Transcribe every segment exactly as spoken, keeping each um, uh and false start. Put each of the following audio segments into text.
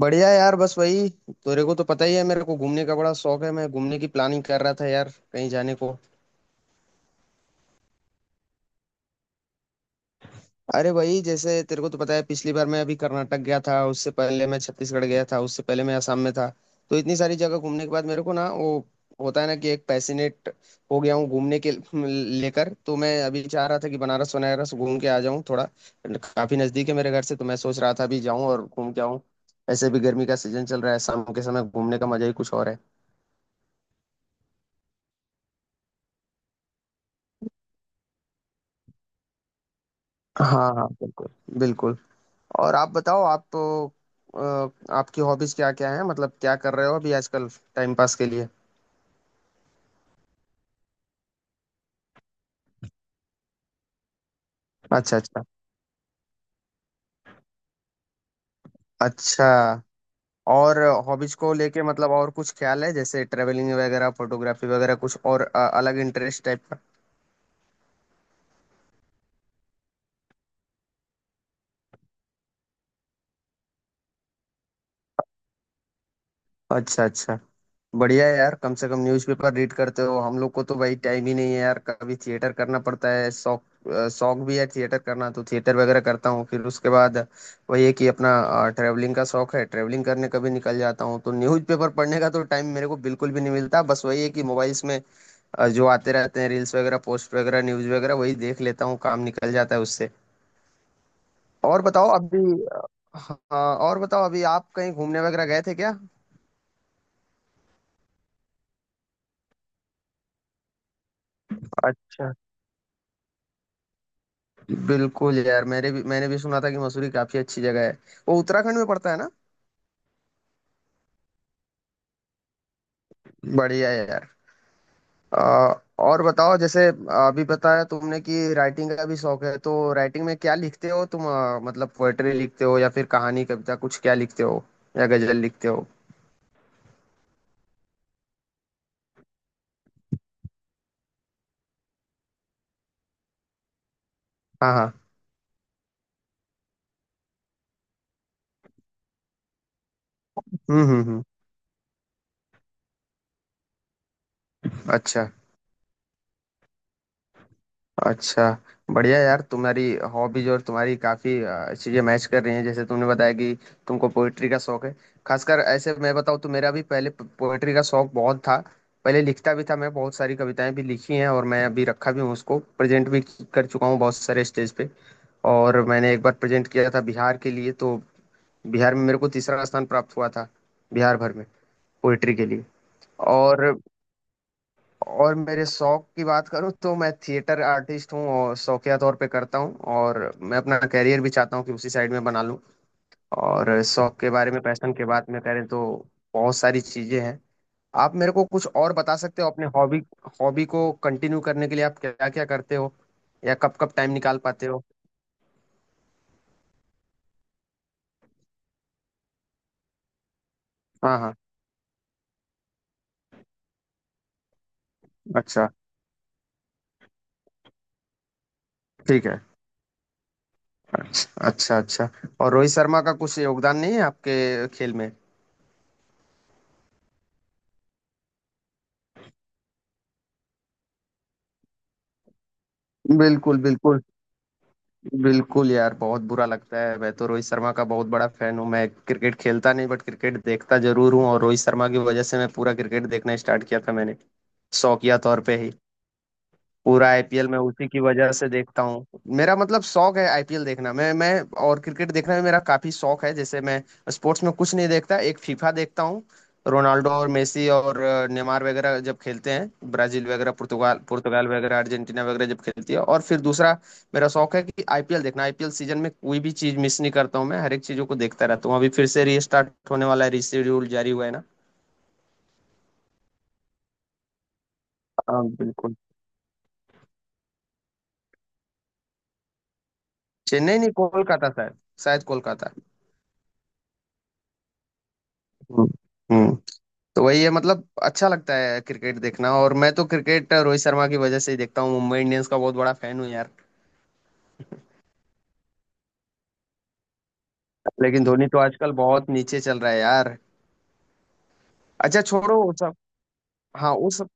बढ़िया यार। बस वही, तेरे को तो पता ही है, मेरे को घूमने का बड़ा शौक है। मैं घूमने की प्लानिंग कर रहा था यार, कहीं जाने को। अरे वही, जैसे तेरे को तो पता है, पिछली बार मैं अभी कर्नाटक गया था, उससे पहले मैं छत्तीसगढ़ गया था, उससे पहले मैं असम में था। तो इतनी सारी जगह घूमने के बाद मेरे को ना वो होता है ना कि एक पैसिनेट हो गया हूँ घूमने के लेकर। तो मैं अभी चाह रहा था कि बनारस वनारस घूम के आ जाऊँ थोड़ा। काफी नजदीक है मेरे घर से, तो मैं सोच रहा था अभी जाऊँ और घूम के आऊँ। ऐसे भी गर्मी का सीजन चल रहा है, शाम के समय घूमने का मजा ही कुछ और है। हाँ हाँ, बिल्कुल। बिल्कुल। और आप बताओ, आप तो अ, आपकी हॉबीज क्या क्या हैं? मतलब क्या कर रहे हो अभी आजकल, टाइम पास के लिए? अच्छा अच्छा। अच्छा। और हॉबीज को लेके, मतलब और कुछ ख्याल है जैसे ट्रेवलिंग वगैरह, फोटोग्राफी वगैरह, कुछ और अ, अलग इंटरेस्ट टाइप का? अच्छा अच्छा। बढ़िया है यार। कम से कम न्यूज़पेपर रीड करते हो। हम लोग को तो भाई टाइम ही नहीं है यार। कभी थिएटर करना पड़ता है शौक। अ, शौक भी है थिएटर करना, तो थिएटर वगैरह करता हूँ। फिर उसके बाद वही है कि अपना ट्रैवलिंग का शौक है, ट्रैवलिंग करने कभी निकल जाता हूँ, तो न्यूज़पेपर पढ़ने का तो टाइम मेरे को बिल्कुल भी नहीं मिलता। बस वही है कि मोबाइल्स में अ, जो आते रहते हैं रील्स वगैरह, पोस्ट वगैरह, न्यूज़ वगैरह, वही देख लेता हूँ, काम निकल जाता है उससे। और बताओ अभी अ, हाँ, और बताओ अभी आप कहीं घूमने वगैरह गए थे क्या? अच्छा। बिल्कुल यार, मेरे भी, मैंने भी सुना था कि मसूरी काफी अच्छी जगह है। वो उत्तराखंड में पड़ता है ना? बढ़िया है यार। अ, और बताओ जैसे अभी बताया तुमने कि राइटिंग का भी शौक है, तो राइटिंग में क्या लिखते हो तुम? अ, मतलब पोएट्री लिखते हो या फिर कहानी, कविता, कुछ क्या लिखते हो या गजल लिखते हो? हाँ हाँ। हम्म हम्म हम्म। अच्छा। अच्छा। बढ़िया यार। तुम्हारी हॉबीज और तुम्हारी काफी अ, चीजें मैच कर रही हैं, जैसे तुमने बताया कि तुमको पोइट्री का शौक है। खासकर ऐसे मैं बताऊँ तो मेरा भी पहले पोइट्री का शौक बहुत था। पहले लिखता भी था मैं, बहुत सारी कविताएं भी लिखी हैं, और मैं अभी रखा भी हूँ उसको, प्रेजेंट भी कर चुका हूँ बहुत सारे स्टेज पे। और मैंने एक बार प्रेजेंट किया था बिहार के लिए, तो बिहार में मेरे को तीसरा स्थान प्राप्त हुआ था, बिहार भर में, पोइट्री के लिए। और और मेरे शौक की बात करूँ तो मैं थिएटर आर्टिस्ट हूँ और शौकिया तौर पे करता हूँ, और मैं अपना करियर भी चाहता हूँ कि उसी साइड में बना लूँ। और शौक के बारे में, पैशन के बात में करें तो बहुत सारी चीजें हैं। आप मेरे को कुछ और बता सकते हो अपने हॉबी? हॉबी को कंटिन्यू करने के लिए आप क्या क्या करते हो या कब कब टाइम निकाल पाते हो? हाँ हाँ। अच्छा। ठीक है। अच्छा अच्छा अच्छा। और रोहित शर्मा का कुछ योगदान नहीं है आपके खेल में? बिल्कुल बिल्कुल। बिल्कुल यार, बहुत बुरा लगता है। मैं तो रोहित शर्मा का बहुत बड़ा फैन हूँ। मैं क्रिकेट खेलता नहीं बट क्रिकेट देखता जरूर हूँ, और रोहित शर्मा की वजह से मैं पूरा क्रिकेट देखना स्टार्ट किया था मैंने, शौकिया तौर पे ही। पूरा आईपीएल मैं उसी की वजह से देखता हूँ। मेरा मतलब शौक है आईपीएल देखना। मैं मैं और क्रिकेट देखना भी मेरा काफी शौक है। जैसे मैं स्पोर्ट्स में कुछ नहीं देखता, एक फीफा देखता हूँ। रोनाल्डो और मेसी और अ, नेमार वगैरह जब खेलते हैं, ब्राजील वगैरह, पुर्तगाल पुर्तगाल वगैरह, अर्जेंटीना वगैरह जब खेलती है, और फिर दूसरा मेरा शौक है कि आईपीएल देखना। आईपीएल सीजन में कोई भी चीज मिस नहीं करता हूँ, मैं हर एक चीजों को देखता रहता हूँ। अभी फिर से रीस्टार्ट होने वाला है, रीशेड्यूल जारी हुआ है ना। हाँ, बिल्कुल। चेन्नई नहीं, कोलकाता शायद। शायद कोलकाता। हम्म। हम्म। तो वही है, मतलब अच्छा लगता है क्रिकेट देखना। और मैं तो क्रिकेट रोहित शर्मा की वजह से ही देखता हूँ। मुंबई इंडियंस का बहुत बड़ा फैन हूँ यार। लेकिन धोनी तो आजकल बहुत नीचे चल रहा है यार। अच्छा, छोड़ो वो सब। हाँ उस सब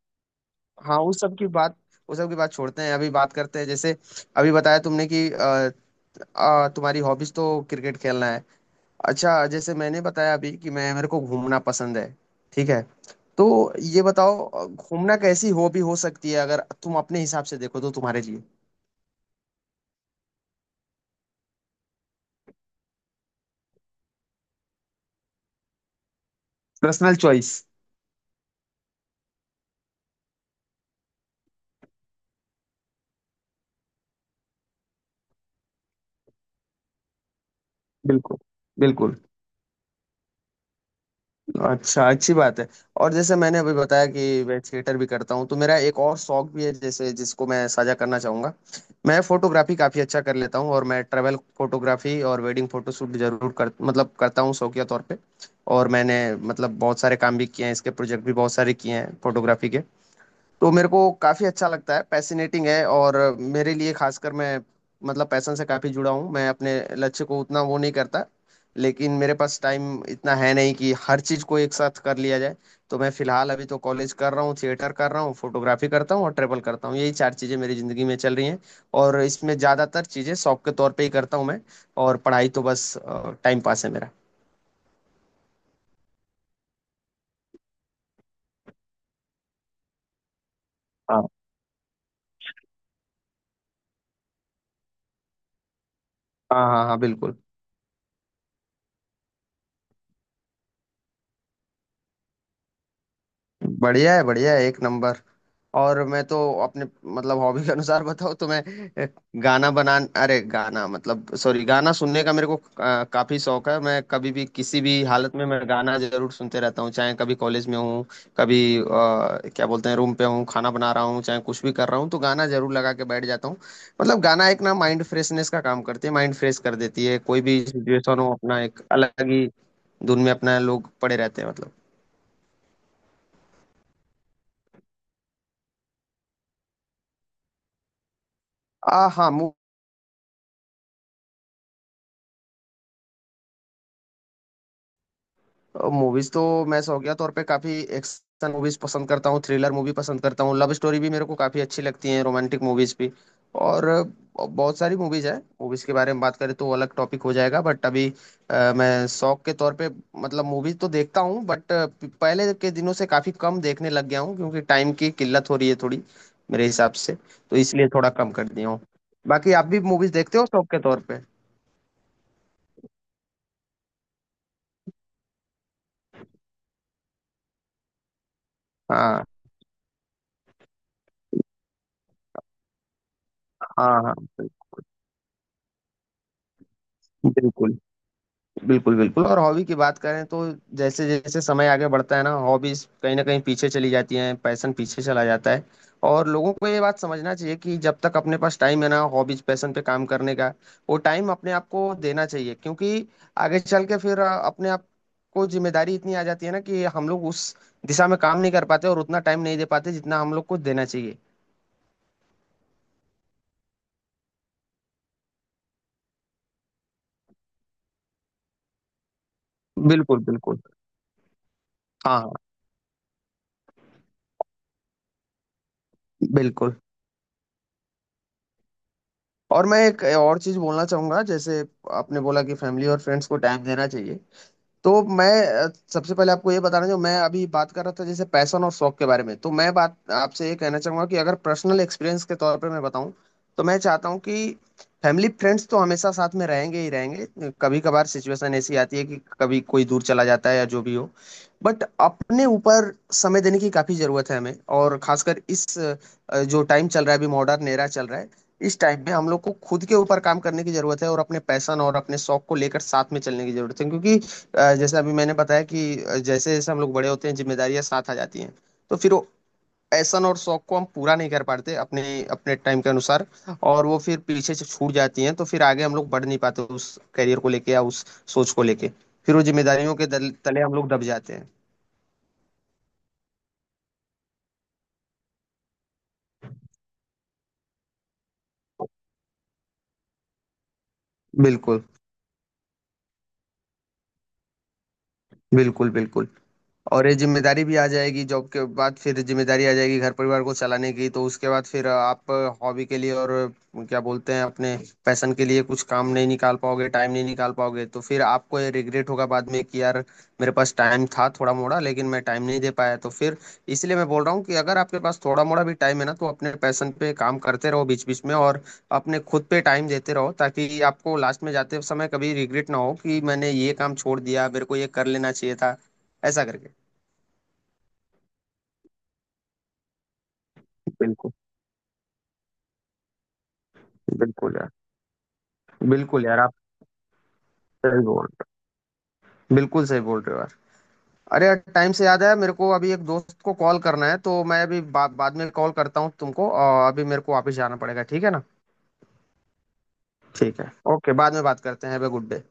हाँ उस सब की बात उस सब की बात छोड़ते हैं। अभी बात करते हैं जैसे अभी बताया तुमने कि अ, अ, तुम्हारी हॉबीज तो क्रिकेट खेलना है। अच्छा जैसे मैंने बताया अभी कि मैं, मेरे को घूमना पसंद है, ठीक है। तो ये बताओ अ, घूमना कैसी हॉबी हो सकती है अगर तुम अपने हिसाब से देखो तो, तुम्हारे लिए? Personal choice. बिल्कुल। बिल्कुल। अच्छा, अच्छी बात है। और जैसे मैंने अभी बताया कि मैं थिएटर भी करता हूँ, तो मेरा एक और शौक भी है जैसे, जिसको मैं साझा करना चाहूंगा। मैं फोटोग्राफी काफी अच्छा कर लेता हूँ, और मैं ट्रैवल फोटोग्राफी और वेडिंग फोटोशूट जरूर कर, मतलब करता हूँ शौकिया तौर पे। और मैंने मतलब बहुत सारे काम भी किए हैं, इसके प्रोजेक्ट भी बहुत सारे किए हैं फोटोग्राफी के। तो मेरे को काफ़ी अच्छा लगता है, पैसिनेटिंग है, और मेरे लिए खासकर मैं मतलब पैसन से काफ़ी जुड़ा हूँ। मैं अपने लक्ष्य को उतना वो नहीं करता, लेकिन मेरे पास टाइम इतना है नहीं कि हर चीज़ को एक साथ कर लिया जाए। तो मैं फ़िलहाल अभी तो कॉलेज कर रहा हूँ, थिएटर कर रहा हूँ, फोटोग्राफी करता हूँ, और ट्रेवल करता हूँ। यही चार चीज़ें मेरी ज़िंदगी में चल रही हैं, और इसमें ज़्यादातर चीज़ें शौक के तौर पे ही करता हूँ मैं। और पढ़ाई तो बस टाइम पास है मेरा। हाँ, हाँ, हाँ, हाँ, बिल्कुल। बढ़िया है, बढ़िया है, एक नंबर। और मैं तो अपने मतलब हॉबी के अनुसार बताऊँ तो मैं अ, गाना बना अरे गाना, मतलब सॉरी, गाना सुनने का मेरे को अ, काफी शौक है। मैं कभी भी, किसी भी हालत में मैं गाना जरूर सुनते रहता हूँ। चाहे कभी कॉलेज में हूँ, कभी अ, क्या बोलते हैं, रूम पे हूँ, खाना बना रहा हूँ, चाहे कुछ भी कर रहा हूँ, तो गाना जरूर लगा के बैठ जाता हूँ। मतलब गाना एक ना माइंड फ्रेशनेस का काम करती है, माइंड फ्रेश कर देती है, कोई भी सिचुएशन हो अपना एक अलग ही धुन में अपना लोग पड़े रहते हैं मतलब। आ, हाँ। मूवीज तो मैं शौकिया तौर पे काफी एक्शन मूवीज पसंद करता हूँ, थ्रिलर मूवी पसंद करता हूँ, लव स्टोरी भी मेरे को काफी अच्छी लगती है, रोमांटिक मूवीज भी। और अ, बहुत सारी मूवीज है, मूवीज के बारे में बात करें तो अलग टॉपिक हो जाएगा, बट अभी अ, मैं शौक के तौर पे, मतलब मूवीज तो देखता हूँ बट पहले के दिनों से काफी कम देखने लग गया हूँ क्योंकि टाइम की किल्लत हो रही है थोड़ी मेरे हिसाब से, तो इसलिए थोड़ा कम कर दिया हूँ। बाकी आप भी मूवीज देखते हो शौक के तौर पे? हाँ, हाँ, हाँ, बिल्कुल। बिल्कुल। स्कूल और हॉबी की बात करें तो जैसे जैसे समय आगे बढ़ता है ना, हॉबीज कहीं ना कहीं पीछे चली जाती हैं, पैशन पीछे चला जाता है। और लोगों को ये बात समझना चाहिए कि जब तक अपने पास टाइम है ना हॉबीज पैशन पे काम करने का, वो टाइम अपने आप को देना चाहिए। क्योंकि आगे चल के फिर अ, अपने आप को जिम्मेदारी इतनी आ जाती है ना कि हम लोग उस दिशा में काम नहीं कर पाते, और उतना टाइम नहीं दे पाते जितना हम लोग को देना चाहिए। बिल्कुल बिल्कुल। हाँ हाँ, बिल्कुल। और मैं एक और चीज बोलना चाहूंगा, जैसे आपने बोला कि फैमिली और फ्रेंड्स को टाइम देना चाहिए, तो मैं अ, सबसे पहले आपको ये बताना, जो मैं अभी बात कर रहा था जैसे पैशन और शौक के बारे में, तो मैं बात आपसे ये कहना चाहूंगा कि अगर पर्सनल एक्सपीरियंस के तौर पर मैं बताऊं, तो मैं चाहता हूं कि फैमिली फ्रेंड्स तो हमेशा साथ में रहेंगे ही रहेंगे, कभी कभार सिचुएशन ऐसी आती है कि कभी कोई दूर चला जाता है या जो भी हो, बट अपने ऊपर समय देने की काफी जरूरत है हमें। और खासकर इस अ, जो टाइम चल रहा है अभी, मॉडर्न एरा चल रहा है, इस टाइम में हम लोग को खुद के ऊपर काम करने की जरूरत है, और अपने पैशन और अपने शौक को लेकर साथ में चलने की जरूरत है। क्योंकि अ, जैसे अभी मैंने बताया कि अ, जैसे जैसे हम लोग बड़े होते हैं जिम्मेदारियां साथ आ जाती हैं, तो फिर वो पैशन और शौक को हम पूरा नहीं कर पाते अपने, अपने टाइम के अनुसार। और वो फिर पीछे से छूट जाती हैं, तो फिर आगे हम लोग बढ़ नहीं पाते उस करियर को लेके या उस सोच को लेके। फिर वो जिम्मेदारियों के दल- तले हम लोग दब जाते हैं। बिल्कुल, बिल्कुल, बिल्कुल। और ये जिम्मेदारी भी आ जाएगी जॉब के बाद, फिर जिम्मेदारी आ जाएगी घर परिवार को चलाने की, तो उसके बाद फिर आप हॉबी के लिए और क्या बोलते हैं अपने पैशन के लिए कुछ काम नहीं निकाल पाओगे, टाइम नहीं निकाल पाओगे, तो फिर आपको ये रिग्रेट होगा बाद में कि यार मेरे पास टाइम था थोड़ा मोड़ा लेकिन मैं टाइम नहीं दे पाया। तो फिर इसलिए मैं बोल रहा हूँ कि अगर आपके पास थोड़ा मोड़ा भी टाइम है ना, तो अपने पैशन पे काम करते रहो बीच बीच में, और अपने खुद पे टाइम देते रहो ताकि आपको लास्ट में जाते समय कभी रिग्रेट ना हो कि मैंने ये काम छोड़ दिया, मेरे को ये कर लेना चाहिए था ऐसा करके। बिल्कुल। बिल्कुल यार, बिल्कुल यार आप सही बोल रहे हो, बिल्कुल सही बोल रहे हो यार। अरे यार, टाइम से याद आया मेरे को अभी एक दोस्त को कॉल करना है, तो मैं अभी बा, बाद में कॉल करता हूँ तुमको, और अभी मेरे को वापस जाना पड़ेगा, ठीक है ना? ठीक है, ओके, बाद में बात करते हैं। Have a good day.